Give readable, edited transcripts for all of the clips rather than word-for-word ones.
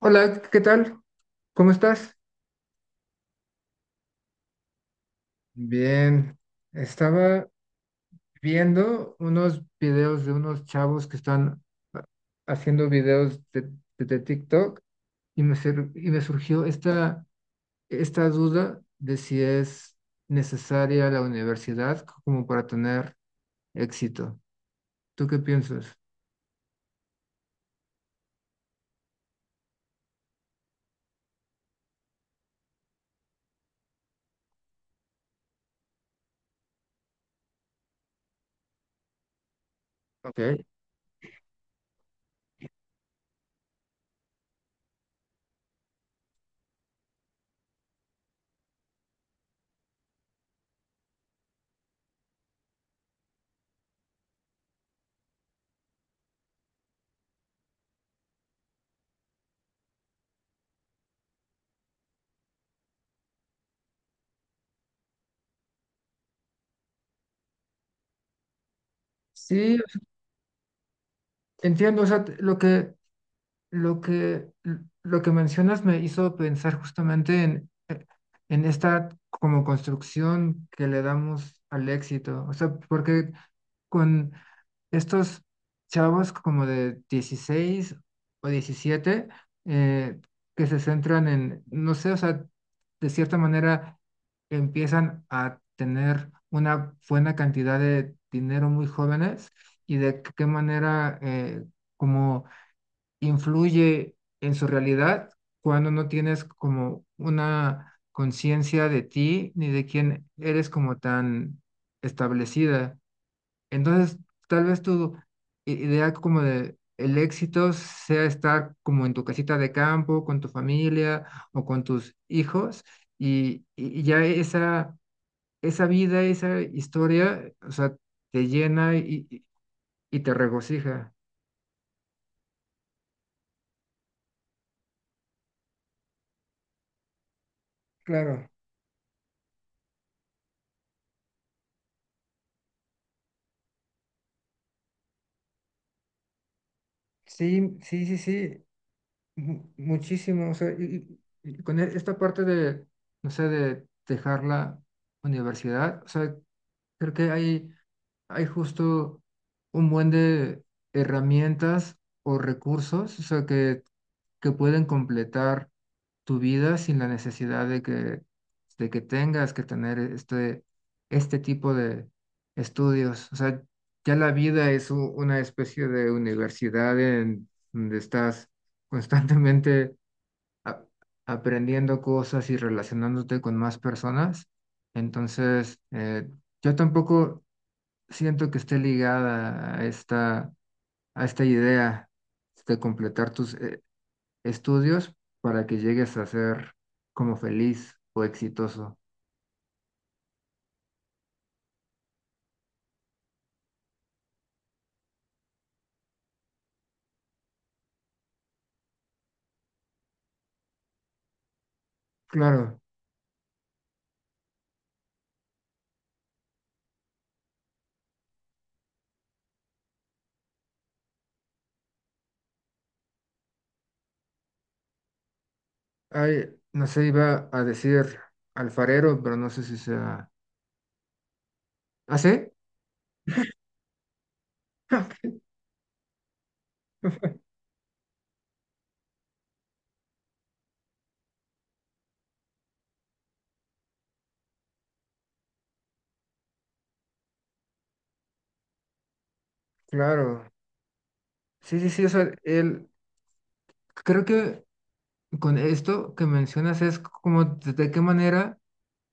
Hola, ¿qué tal? ¿Cómo estás? Bien, estaba viendo unos videos de unos chavos que están ha- haciendo videos de TikTok y y me surgió esta duda de si es necesaria la universidad como para tener éxito. ¿Tú qué piensas? Ok. Sí, entiendo, o sea, Lo que, lo que mencionas me hizo pensar justamente en esta como construcción que le damos al éxito. O sea, porque con estos chavos como de 16 o 17 eh, que se centran en, no sé, o sea, de cierta manera empiezan a tener una buena cantidad de dinero muy jóvenes y de qué manera como influye en su realidad cuando no tienes como una conciencia de ti ni de quién eres como tan establecida. Entonces, tal vez idea como de el éxito sea estar como en tu casita de campo, con tu familia o con tus hijos y ya esa vida, esa historia, o sea, te llena y te regocija. Claro, sí. mu- muchísimo, o sea, y con esta parte de, no sé, de dejar la universidad, o sea, creo que hay justo un buen de herramientas o recursos, o sea, que pueden completar tu vida sin la necesidad de que tengas que tener este tipo de estudios. O sea, ya la vida es una especie de universidad en donde estás constantemente a- aprendiendo cosas y relacionándote con más personas. Entonces, yo tampoco siento que esté ligada a a esta idea de completar tus estudios para que llegues a ser como feliz o exitoso. Claro, hay, no sé, iba a decir alfarero, pero no sé si sea... ¿Ah, sí? Claro. Sí, sí, sí, o sea, creo que con esto que mencionas es como de qué manera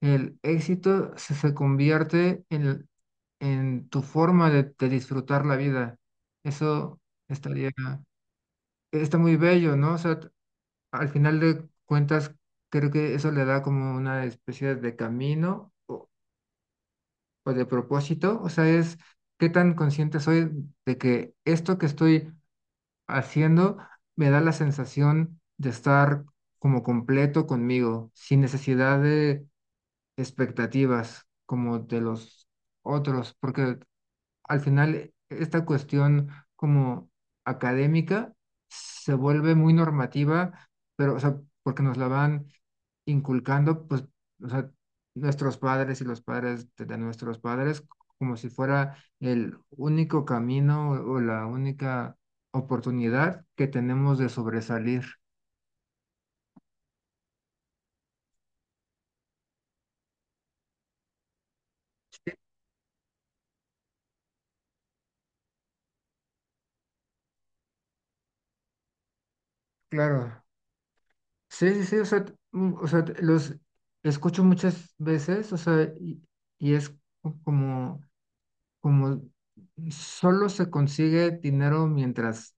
el éxito se convierte en tu forma de disfrutar la vida. Eso estaría, Está muy bello, ¿no? O sea, al final de cuentas, creo que eso le da como una especie de camino o de propósito. O sea, es qué tan consciente soy de que esto que estoy haciendo me da la sensación de estar como completo conmigo, sin necesidad de expectativas como de los otros, porque al final esta cuestión como académica se vuelve muy normativa, pero, o sea, porque nos la van inculcando, pues, o sea, nuestros padres y los padres de nuestros padres, como si fuera el único camino o la única oportunidad que tenemos de sobresalir. Sí, claro. Sí, sí, sí, o sea, o sea, los escucho muchas veces, o sea, y es como como solo se consigue dinero mientras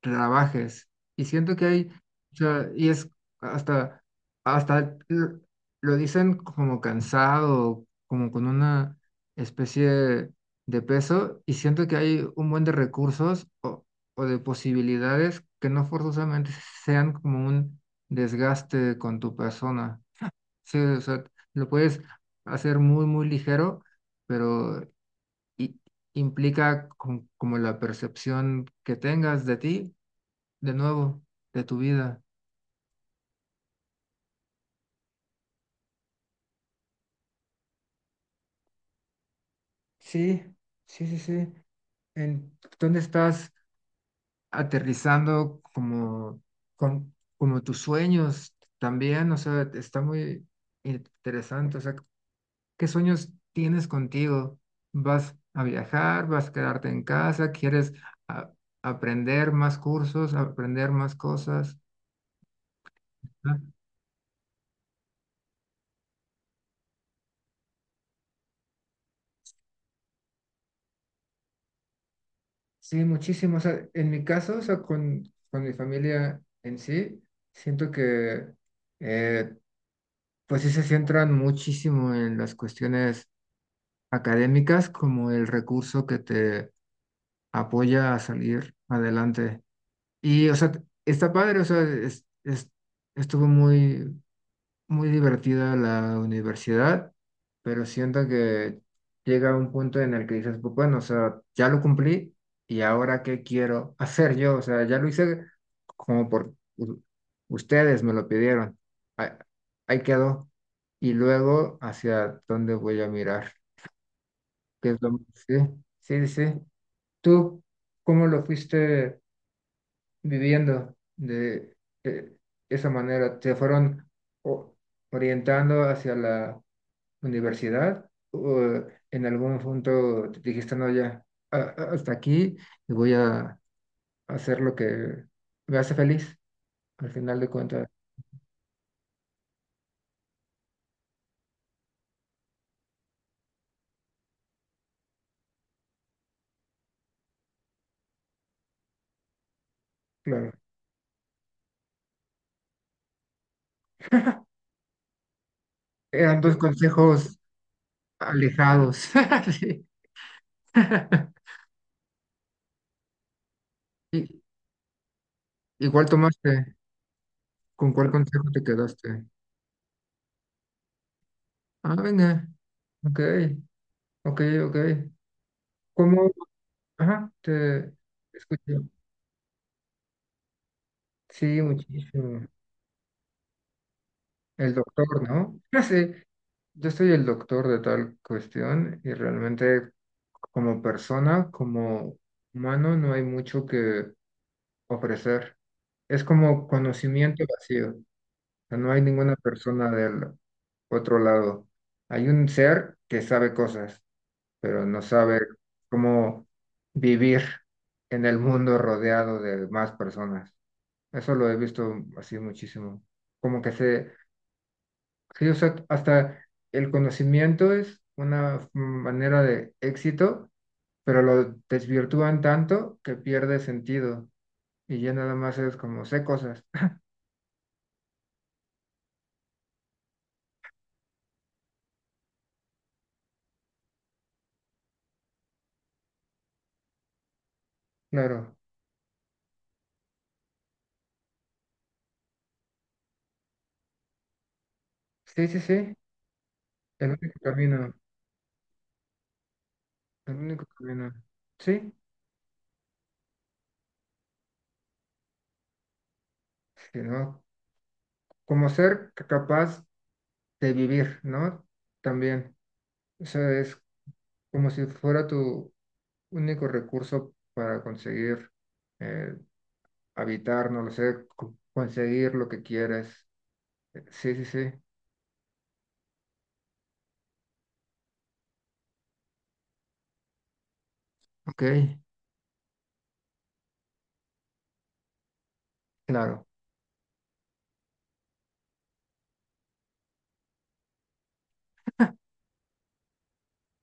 trabajes. Y siento que hay, o sea, y es hasta, hasta lo dicen como cansado, como con una especie de peso, y siento que hay un buen de recursos o de posibilidades que no forzosamente sean como un desgaste con tu persona. Sí, o sea, lo puedes hacer muy, muy ligero pero i- implica como la percepción que tengas de ti, de nuevo, de tu vida. Sí, sí, sí, sí. ¿En dónde estás aterrizando como tus sueños también? O sea, está muy interesante. O sea, ¿qué sueños tienes contigo? ¿Vas a viajar? ¿Vas a quedarte en casa? ¿Quieres a- aprender más cursos, aprender más cosas? Sí, muchísimo. O sea, en mi caso, o sea, con mi familia en sí, siento que, eh, pues sí se centran muchísimo en las cuestiones académicas como el recurso que te apoya a salir adelante. Y, o sea, está padre, o sea, estuvo muy, muy divertida la universidad, pero siento que llega un punto en el que dices, pues bueno, o sea, ya lo cumplí y ahora qué quiero hacer yo, o sea, ya lo hice como por ustedes me lo pidieron, ahí, ahí quedó. Y luego, ¿hacia dónde voy a mirar? ¿Qué es lo... Sí, sí, sí. ¿Tú cómo lo fuiste viviendo de esa manera? ¿Te fueron... o- orientando hacia la universidad o en algún punto te dijiste, no, ya, hasta aquí y voy a hacer lo que me hace feliz? Al final de cuentas, claro, eran dos consejos alejados. Sí. ¿Y, igual tomaste? ¿Con cuál consejo te quedaste? Ah, venga, ok, ok, ok. ¿Cómo? Ajá, te escucho. Sí, muchísimo. El doctor, ¿no? Sí, yo soy el doctor de tal cuestión y realmente como persona, como humano, no hay mucho que ofrecer. Es como conocimiento vacío. O sea, no hay ninguna persona del otro lado. Hay un ser que sabe cosas, pero no sabe cómo vivir en el mundo rodeado de más personas. Eso lo he visto así muchísimo. Como que se sí, o sea, hasta el conocimiento es una manera de éxito, pero lo desvirtúan tanto que pierde sentido y ya nada más es como sé cosas. Claro. Sí, sí, sí. El único camino. El único camino. Sí, sino como ser capaz de vivir, ¿no? También. O sea, es como si fuera tu único recurso para conseguir eh, habitar, no lo sé, conseguir lo que quieres sí, sí, sí. Ok, claro,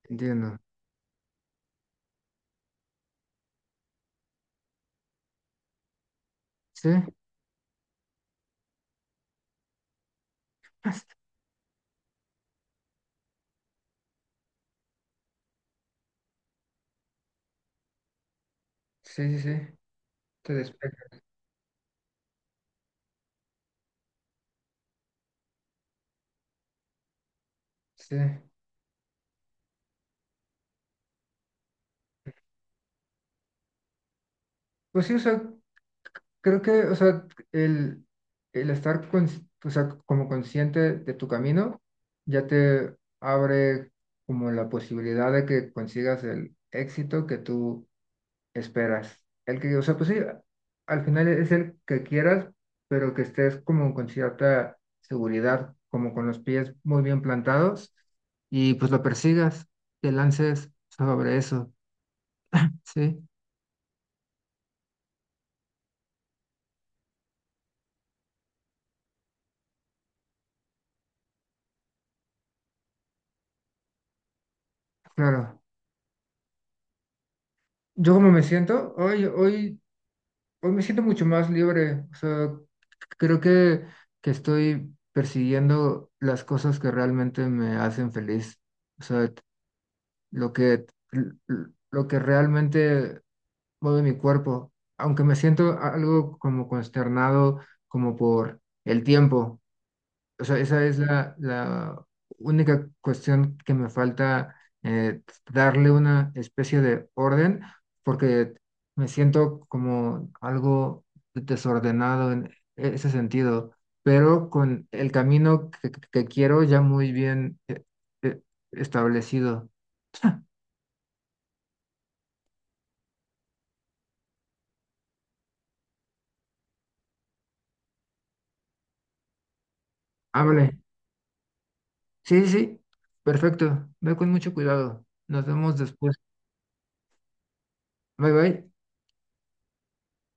entiendo. Sí, sí, sí, sí. Te despeja. Sí. Pues sí, o sea, creo que, o sea, el, el estar o sea, como consciente de tu camino ya te abre como la posibilidad de que consigas el éxito que tú esperas. El que, o sea, pues sí, al final es el que quieras, pero que estés como con cierta seguridad, como con los pies muy bien plantados y pues lo persigas, te lances sobre eso, ¿sí? Claro. Yo como me siento, hoy me siento mucho más libre, o sea, creo que estoy persiguiendo las cosas que realmente me hacen feliz, o sea, lo que, lo que realmente mueve mi cuerpo, aunque me siento algo como consternado, como por el tiempo. O sea, esa es la única cuestión que me falta eh, darle una especie de orden, porque me siento como algo desordenado en ese sentido, pero con el camino que quiero ya muy bien eh, establecido. Hable. Sí, sí, sí. Perfecto. Ve con mucho cuidado. Nos vemos después. Bye, bye.